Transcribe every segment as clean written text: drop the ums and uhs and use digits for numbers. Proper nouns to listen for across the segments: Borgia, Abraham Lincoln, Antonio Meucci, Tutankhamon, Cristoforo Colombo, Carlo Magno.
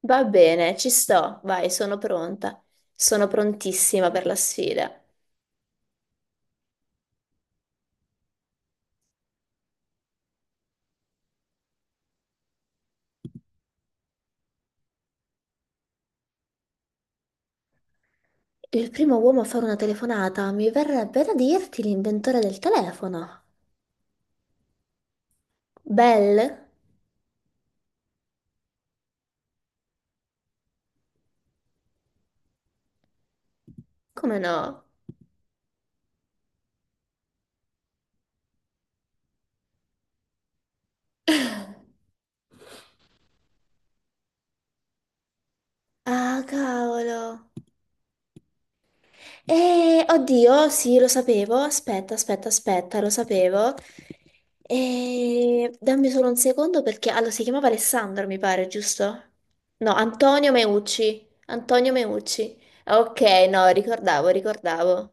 Va bene, ci sto, vai, sono pronta. Sono prontissima per la sfida. Il primo uomo a fare una telefonata, mi verrebbe da dirti l'inventore del telefono. Bell? Come no? Ah, cavolo. Oddio, sì, lo sapevo. Aspetta, aspetta, aspetta, lo sapevo. Dammi solo un secondo perché... Allora, si chiamava Alessandro, mi pare, giusto? No, Antonio Meucci. Antonio Meucci. Ok, no, ricordavo, ricordavo.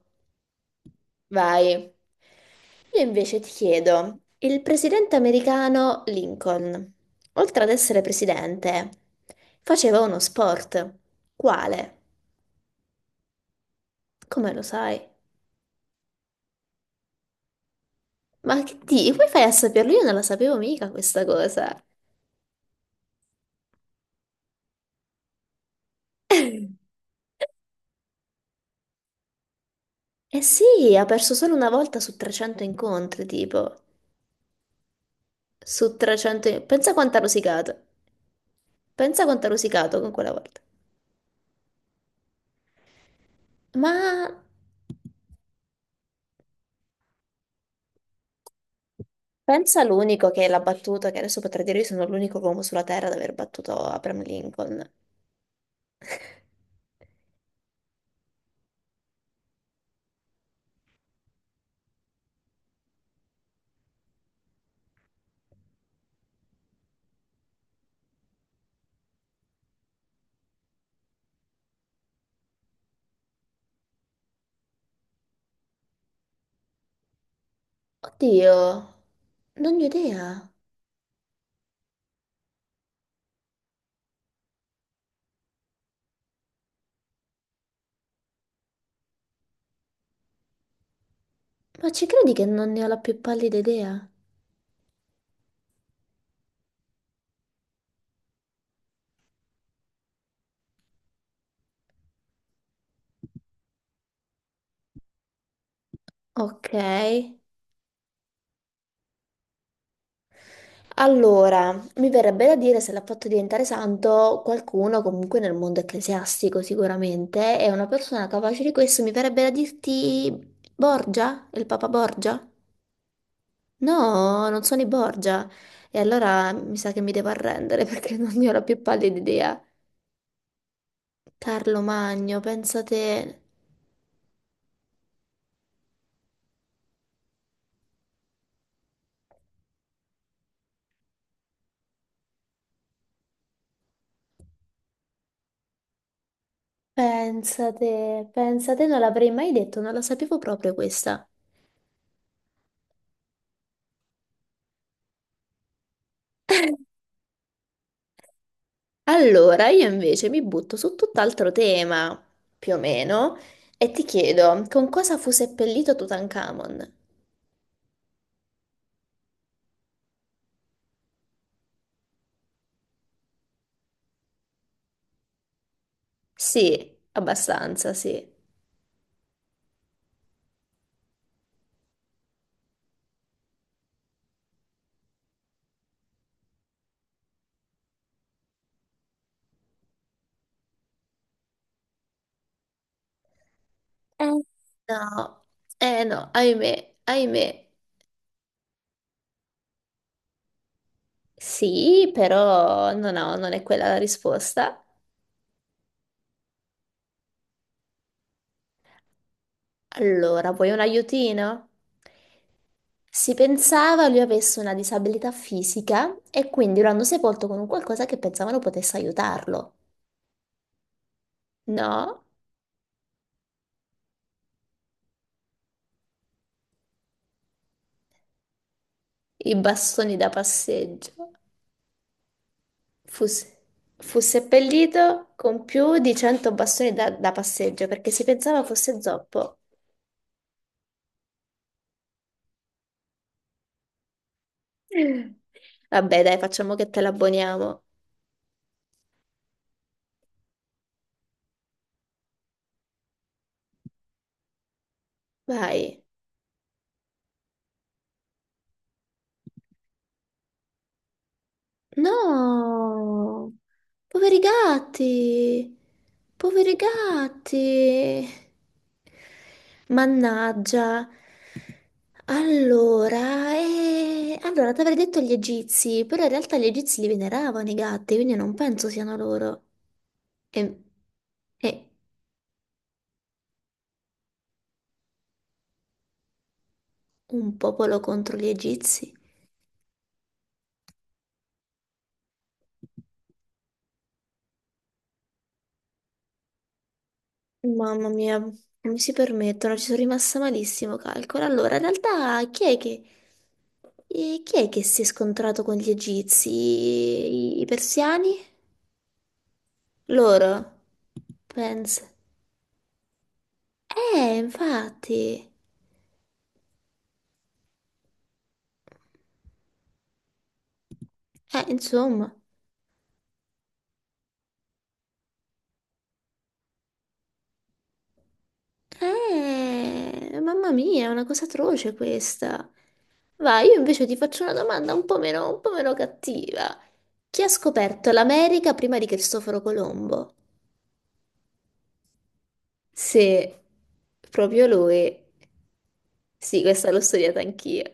Vai. Io invece ti chiedo, il presidente americano Lincoln, oltre ad essere presidente, faceva uno sport. Quale? Come lo sai? Ma che di? Come fai a saperlo? Io non la sapevo mica questa cosa. Eh sì, ha perso solo una volta su 300 incontri, tipo. Su 300... Pensa quanto ha rosicato. Pensa quanto ha rosicato con quella volta. Ma... Pensa l'unico che l'ha battuto, che adesso potrei dire io sono l'unico uomo sulla Terra ad aver battuto Abraham Lincoln. Oddio, non ne ho idea. Ma ci credi che non ne ho la più pallida idea? Ok. Allora, mi verrebbe da dire se l'ha fatto diventare santo qualcuno comunque nel mondo ecclesiastico sicuramente, è una persona capace di questo, mi verrebbe da dirti Borgia, il Papa Borgia? No, non sono i Borgia. E allora mi sa che mi devo arrendere perché non ne ho la più pallida idea. Carlo Magno, pensa te, pensa te, pensa te, non l'avrei mai detto, non la sapevo proprio questa. Allora, io invece mi butto su tutt'altro tema, più o meno, e ti chiedo, con cosa fu seppellito Tutankhamon? Sì, abbastanza, sì. Eh, no, eh no, ahimè, ahimè. Sì, però no, no, non è quella la risposta. Allora, vuoi un aiutino? Si pensava lui avesse una disabilità fisica e quindi lo hanno sepolto con un qualcosa che pensavano potesse aiutarlo. No, i bastoni da passeggio. Fu, se- Fu seppellito con più di 100 bastoni da passeggio perché si pensava fosse zoppo. Vabbè, dai, facciamo che te l'abboniamo. Vai. No, poveri gatti, poveri gatti. Mannaggia. Allora, allora ti avrei detto gli egizi, però in realtà gli egizi li veneravano i gatti, quindi non penso siano loro. E, e un popolo contro gli egizi. Mamma mia, come si permettono? Ci sono rimasta malissimo, calcolo. Allora, in realtà, chi è che... E chi è che si è scontrato con gli egizi? I persiani? Loro? Pensa. Infatti. Insomma. Mamma mia, è una cosa atroce questa. Vai, io invece ti faccio una domanda un po' meno cattiva. Chi ha scoperto l'America prima di Cristoforo Colombo? Se proprio lui. Sì, questa l'ho studiata anch'io.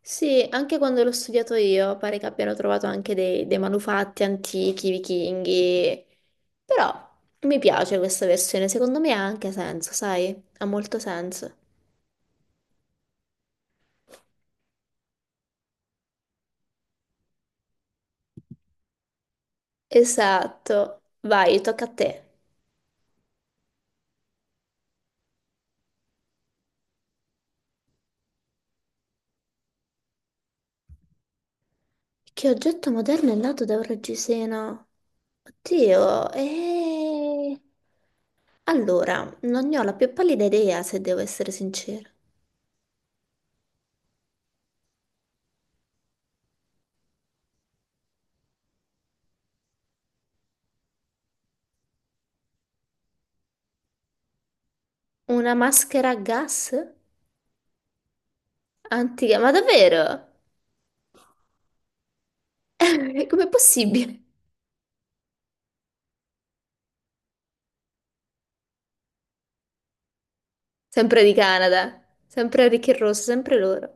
Sì, anche quando l'ho studiato io, pare che abbiano trovato anche dei manufatti antichi, vichinghi, però mi piace questa versione, secondo me ha anche senso, sai? Ha molto senso. Esatto, vai, tocca a te. Che oggetto moderno è nato da un reggiseno? Oddio, e... Allora, non ne ho la più pallida idea, se devo essere sincera. Una maschera a gas? Antica, ma davvero? Com'è possibile? Sempre di Canada, sempre Ricchi e Rosso, sempre loro.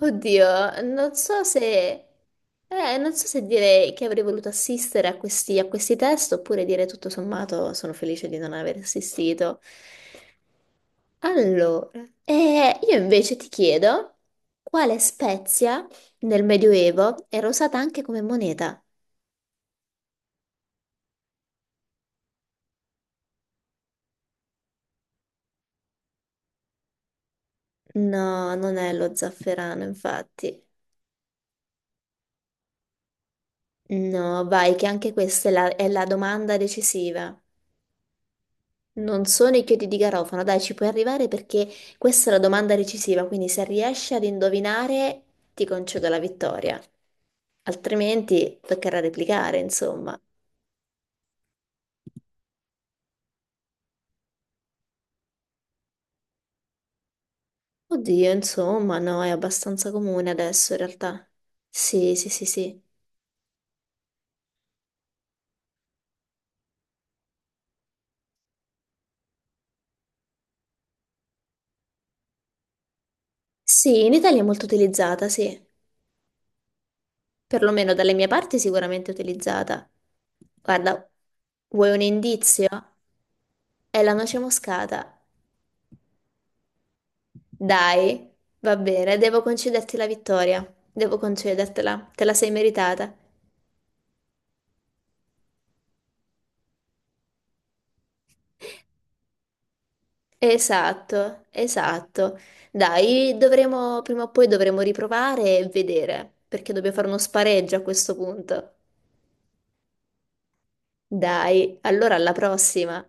Oddio, non so se... non so se dire che avrei voluto assistere a questi test oppure dire tutto sommato sono felice di non aver assistito. Allora, io invece ti chiedo quale spezia nel Medioevo era usata anche come moneta? No, non è lo zafferano, infatti. No, vai, che anche questa è la domanda decisiva. Non sono i chiodi di garofano, dai, ci puoi arrivare perché questa è la domanda decisiva, quindi se riesci ad indovinare ti concedo la vittoria, altrimenti toccherà replicare, insomma. Oddio, insomma, no, è abbastanza comune adesso in realtà. Sì, sì, sì, sì. Sì, in Italia è molto utilizzata, sì. Perlomeno dalle mie parti è sicuramente utilizzata. Guarda, vuoi un indizio? È la noce moscata. Dai, va bene, devo concederti la vittoria. Devo concedertela, te la sei meritata. Esatto, esatto. Dai, dovremo, prima o poi dovremo riprovare e vedere, perché dobbiamo fare uno spareggio a questo punto. Dai, allora alla prossima.